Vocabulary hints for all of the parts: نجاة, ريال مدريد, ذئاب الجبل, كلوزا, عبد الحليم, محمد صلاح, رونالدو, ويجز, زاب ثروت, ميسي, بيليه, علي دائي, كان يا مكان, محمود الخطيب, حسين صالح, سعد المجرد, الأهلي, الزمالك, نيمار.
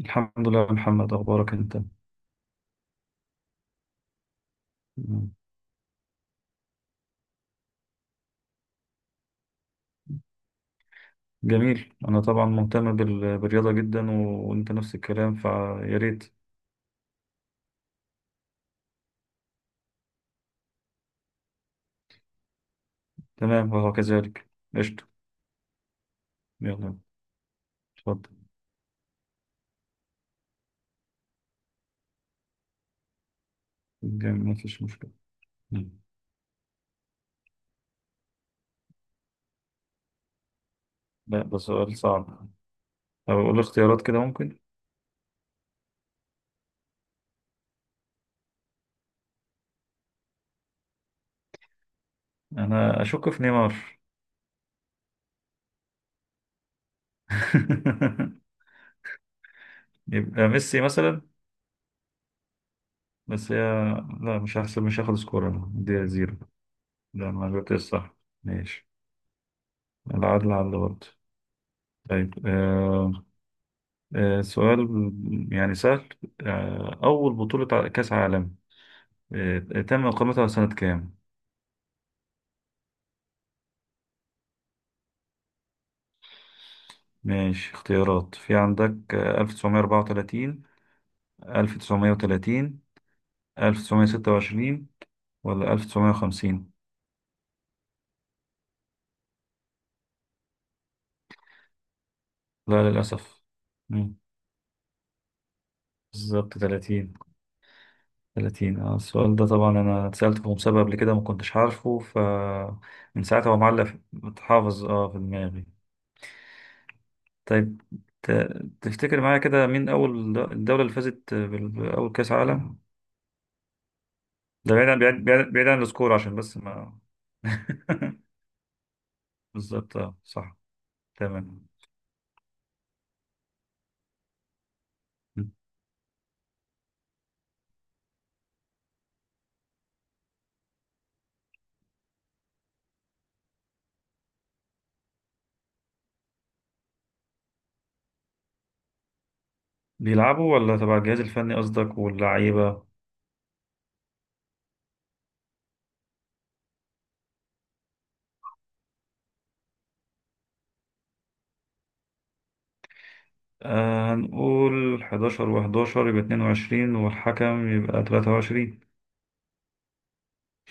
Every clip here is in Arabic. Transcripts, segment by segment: الحمد لله يا محمد، أخبارك أنت؟ مم. جميل. أنا طبعا مهتم بالرياضة جدا، وأنت نفس الكلام، فيا ريت. تمام وهو كذلك. قشطة. يلا اتفضل. جميل، مفيش مشكلة. مم. لا، ده سؤال صعب. طب أقول اختيارات كده، ممكن. أنا أشك في نيمار. يبقى ميسي مثلا. بس هي، لا، مش هحسب، مش هاخد سكور، أنا دي زيرو. لا، ما جبتش صح. ماشي. العدل على اللي برضه. طيب، سؤال يعني سهل. أول بطولة كأس عالم آه، تم إقامتها سنة كام؟ ماشي، اختيارات في عندك: 1934، 1930، 1926، ولا 1950؟ لا، للأسف. مم، بالظبط 30. 30. السؤال ده طبعا أنا اتسألته في مسابقة قبل كده، ما كنتش عارفه، فمن ساعتها هو معلق متحافظ اه في دماغي. طيب. ت- تفتكر معايا كده مين أول الدولة اللي فازت بأول كأس عالم؟ ده بعيد بعيد بعيد عن السكور، عشان بس ما... بالظبط، اه، صح. تمام. بيلعبوا ولا تبع الجهاز الفني قصدك واللعيبة؟ آه، هنقول 11 و11 يبقى 22، والحكم يبقى 23.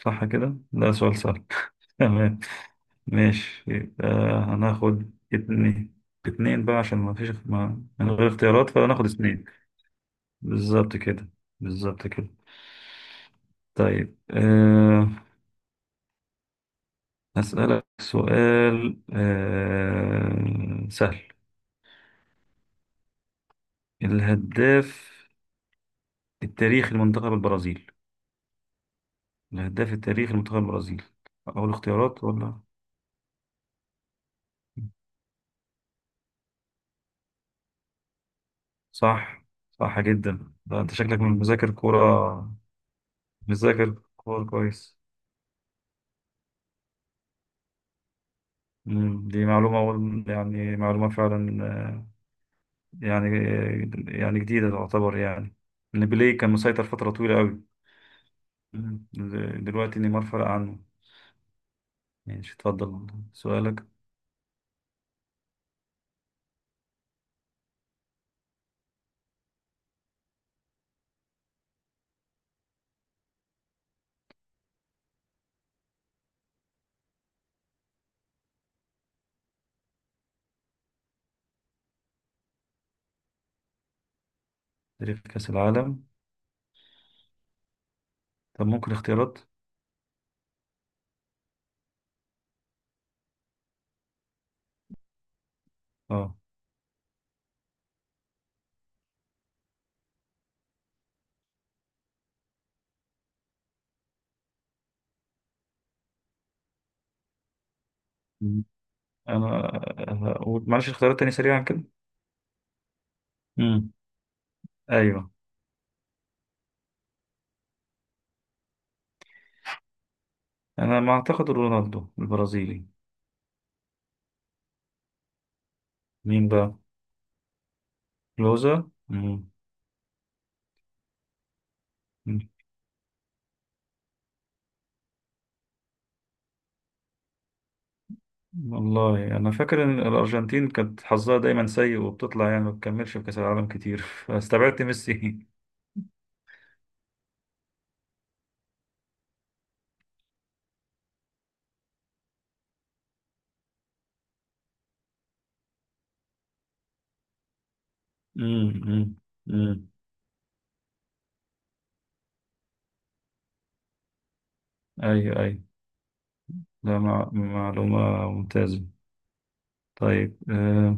صح كده؟ ده سؤال سهل. تمام. ماشي، يبقى هناخد اتنين. اتنين بقى عشان ما فيش، ما من غير اختيارات فناخد اتنين. بالظبط كده. بالظبط كده. طيب أه، هسألك سؤال أه سهل. الهداف التاريخي لمنتخب البرازيل. الهداف التاريخي لمنتخب البرازيل. أول اختيارات ولا... صح. صح جدا، ده أنت شكلك من مذاكر كورة. مذاكر كورة كويس. دي معلومة أول، يعني معلومة فعلا، يعني، يعني جديدة تعتبر يعني، إن بيليه كان مسيطر فترة طويلة أوي. مم. دلوقتي نيمار فرق عنه. ماشي، اتفضل سؤالك. تاريخ كأس العالم. طب ممكن اختيارات؟ اه. مم. انا هقول معلش اختيارات تاني سريعا كده. مم. ايوه، انا ما اعتقد رونالدو البرازيلي. مين بقى؟ كلوزا. مم. مم. والله انا فاكر ان الارجنتين كانت حظها دايما سيء، وبتطلع يعني ما بتكملش في كأس العالم كتير، فاستبعدت ميسي. مم. مم. مم. ايوه ايوه. ده معلومة ممتازة. طيب،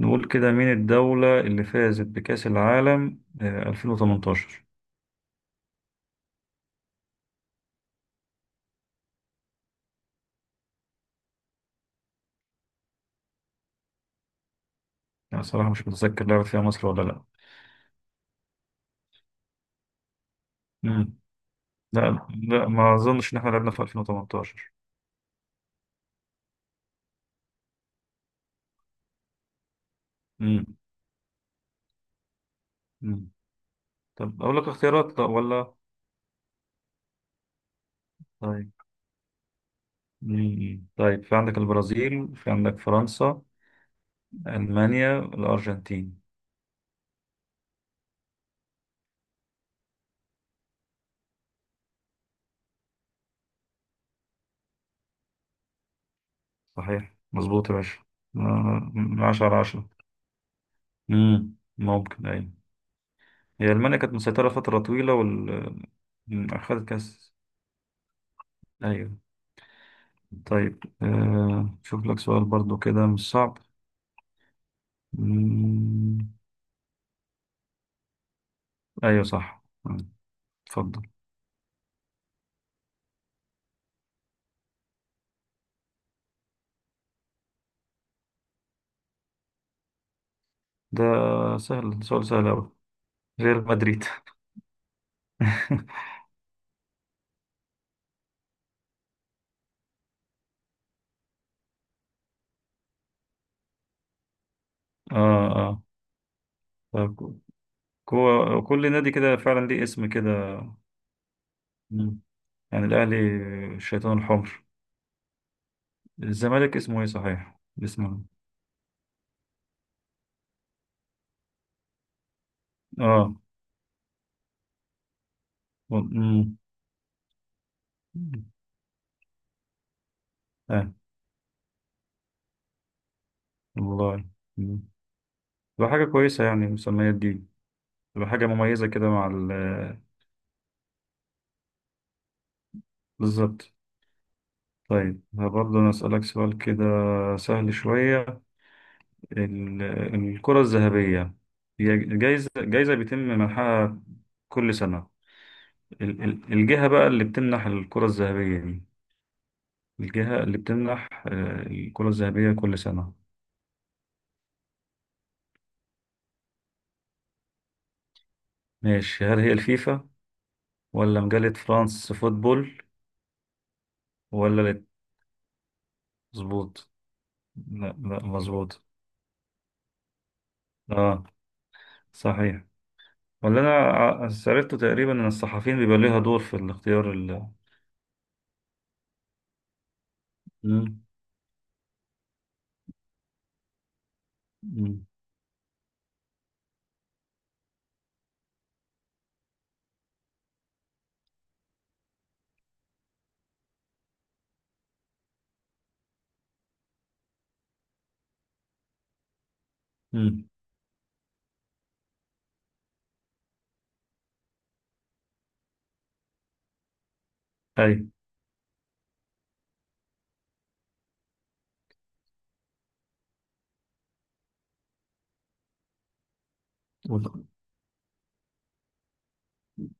نقول كده مين الدولة اللي فازت بكأس العالم 2018؟ يعني صراحة مش متذكر لعبت فيها مصر ولا لأ. مم. لا لا، ما أظنش إن إحنا لعبنا في 2018. مم. مم. طب أقول لك اختيارات، طب ولا... طيب. مم. طيب، في عندك البرازيل، في عندك فرنسا، ألمانيا، الأرجنتين. صحيح، مظبوط يا باشا. من عشرة على عشرة. مم. ممكن، أيوة. هي ألمانيا كانت مسيطرة فترة طويلة وال... أخدت كأس. أيوة. طيب، شوف لك سؤال برضو كده مش صعب. مم، أيوة صح. مم، اتفضل. ده سهل، سؤال سهل أوي. ريال مدريد. اه، اه. طيب، كل نادي كده فعلا ليه اسم كده. مم. يعني الأهلي الشيطان الحمر. الزمالك اسمه ايه، صحيح، اسمه إيه؟ اه. مم. اه. والله. مم. تبقى حاجة كويسة يعني، المسميات دي. تبقى حاجة مميزة كده مع ال... بالظبط. طيب، برضه أنا أسألك سؤال كده سهل شوية. ال- الكرة الذهبية، هي جايزة، جايزة بيتم منحها كل سنة. الجهة بقى اللي بتمنح الكرة الذهبية دي، الجهة اللي بتمنح الكرة الذهبية كل سنة. ماشي، هل هي الفيفا، ولا مجلة فرانس فوتبول؟ ولا، لا، مظبوط. لا لا، مظبوط. اه، صحيح. ولا أنا عرفته تقريبا إن الصحفيين بيبقى ليها دور في الاختيار ال... مم. امم. اي،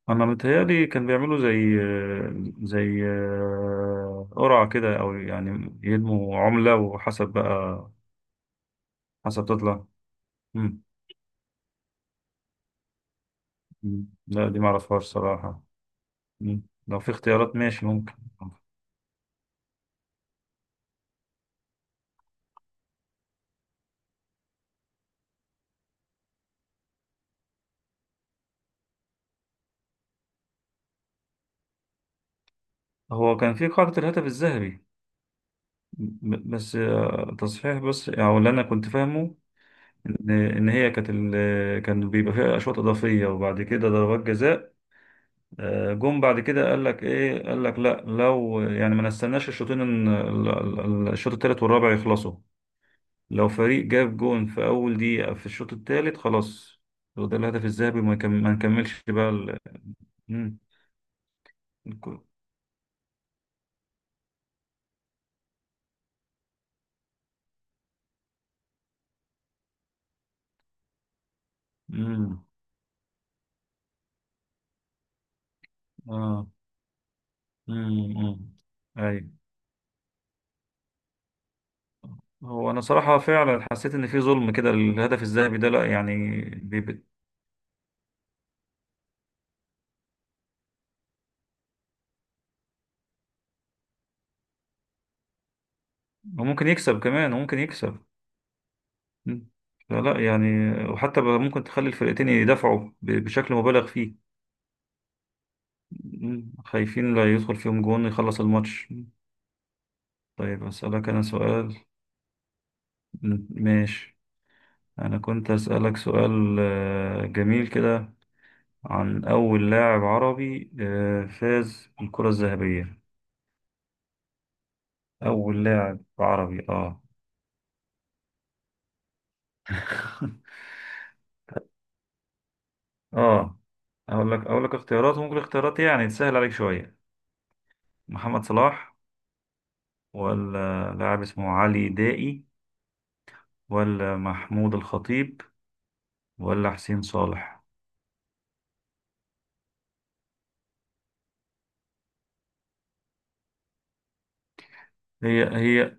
انا متهيألي كان بيعملوا زي، زي قرعة كده، او يعني يدموا عملة وحسب بقى. حسب تطلع. امم. لا دي ما اعرفهاش صراحة. لو في اختيارات ماشي ممكن. هو كان في قاعدة الهاتف الذهبي. بس تصحيح، بس او اللي انا كنت فاهمه، ان إن هي كانت ال، كان بيبقى فيها اشواط اضافية وبعد كده ضربات جزاء. جم بعد كده قال لك ايه، قال لك لا، لو يعني ما نستناش الشوطين إن الشوط الثالث والرابع يخلصوا. لو فريق جاب جون في اول دقيقة في الشوط الثالث، خلاص. هو ده الهدف الذهبي، وما ما نكملش بقى ال... مم. الكو-. مم. اه. مم. مم. ايوه. هو انا صراحة فعلا حسيت ان في ظلم كده الهدف الذهبي ده، لا يعني بيب... هو ممكن يكسب كمان، هو ممكن يكسب. مم. فلا يعني. وحتى بقى ممكن تخلي الفرقتين يدافعوا بشكل مبالغ فيه. مم. خايفين لا يدخل فيهم جون يخلص الماتش. طيب أسألك أنا سؤال. مم. ماشي. أنا كنت أسألك سؤال جميل كده، عن أول لاعب عربي فاز بالكرة الذهبية. أول لاعب عربي آه. آه. أقول لك، أقول لك اختيارات ممكن، الاختيارات يعني تسهل عليك شوية. محمد صلاح، ولا لاعب اسمه علي دائي، ولا محمود الخطيب، ولا حسين صالح. هي هي.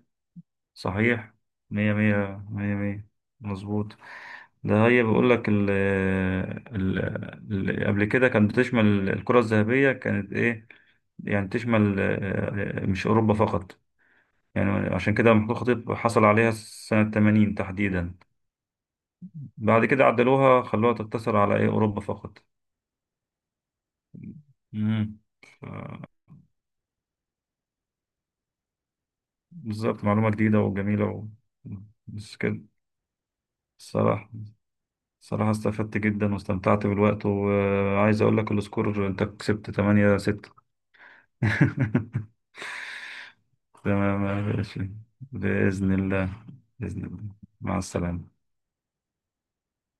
صحيح. مية مية مية مية. مظبوط. ده هي بيقول لك ال ال قبل كده كانت بتشمل الكرة الذهبية كانت ايه، يعني تشمل مش أوروبا فقط. يعني عشان كده محمود الخطيب حصل عليها سنة 80 تحديدا. بعد كده عدلوها خلوها تقتصر على ايه، أوروبا فقط. مم. بالظبط، معلومة جديدة وجميلة و... بس كده الصراحة. صراحة استفدت جدا واستمتعت بالوقت، وعايز اقول لك السكور، انت كسبت 8-6. تمام يا باشا، بإذن الله. بإذن الله. مع السلامة.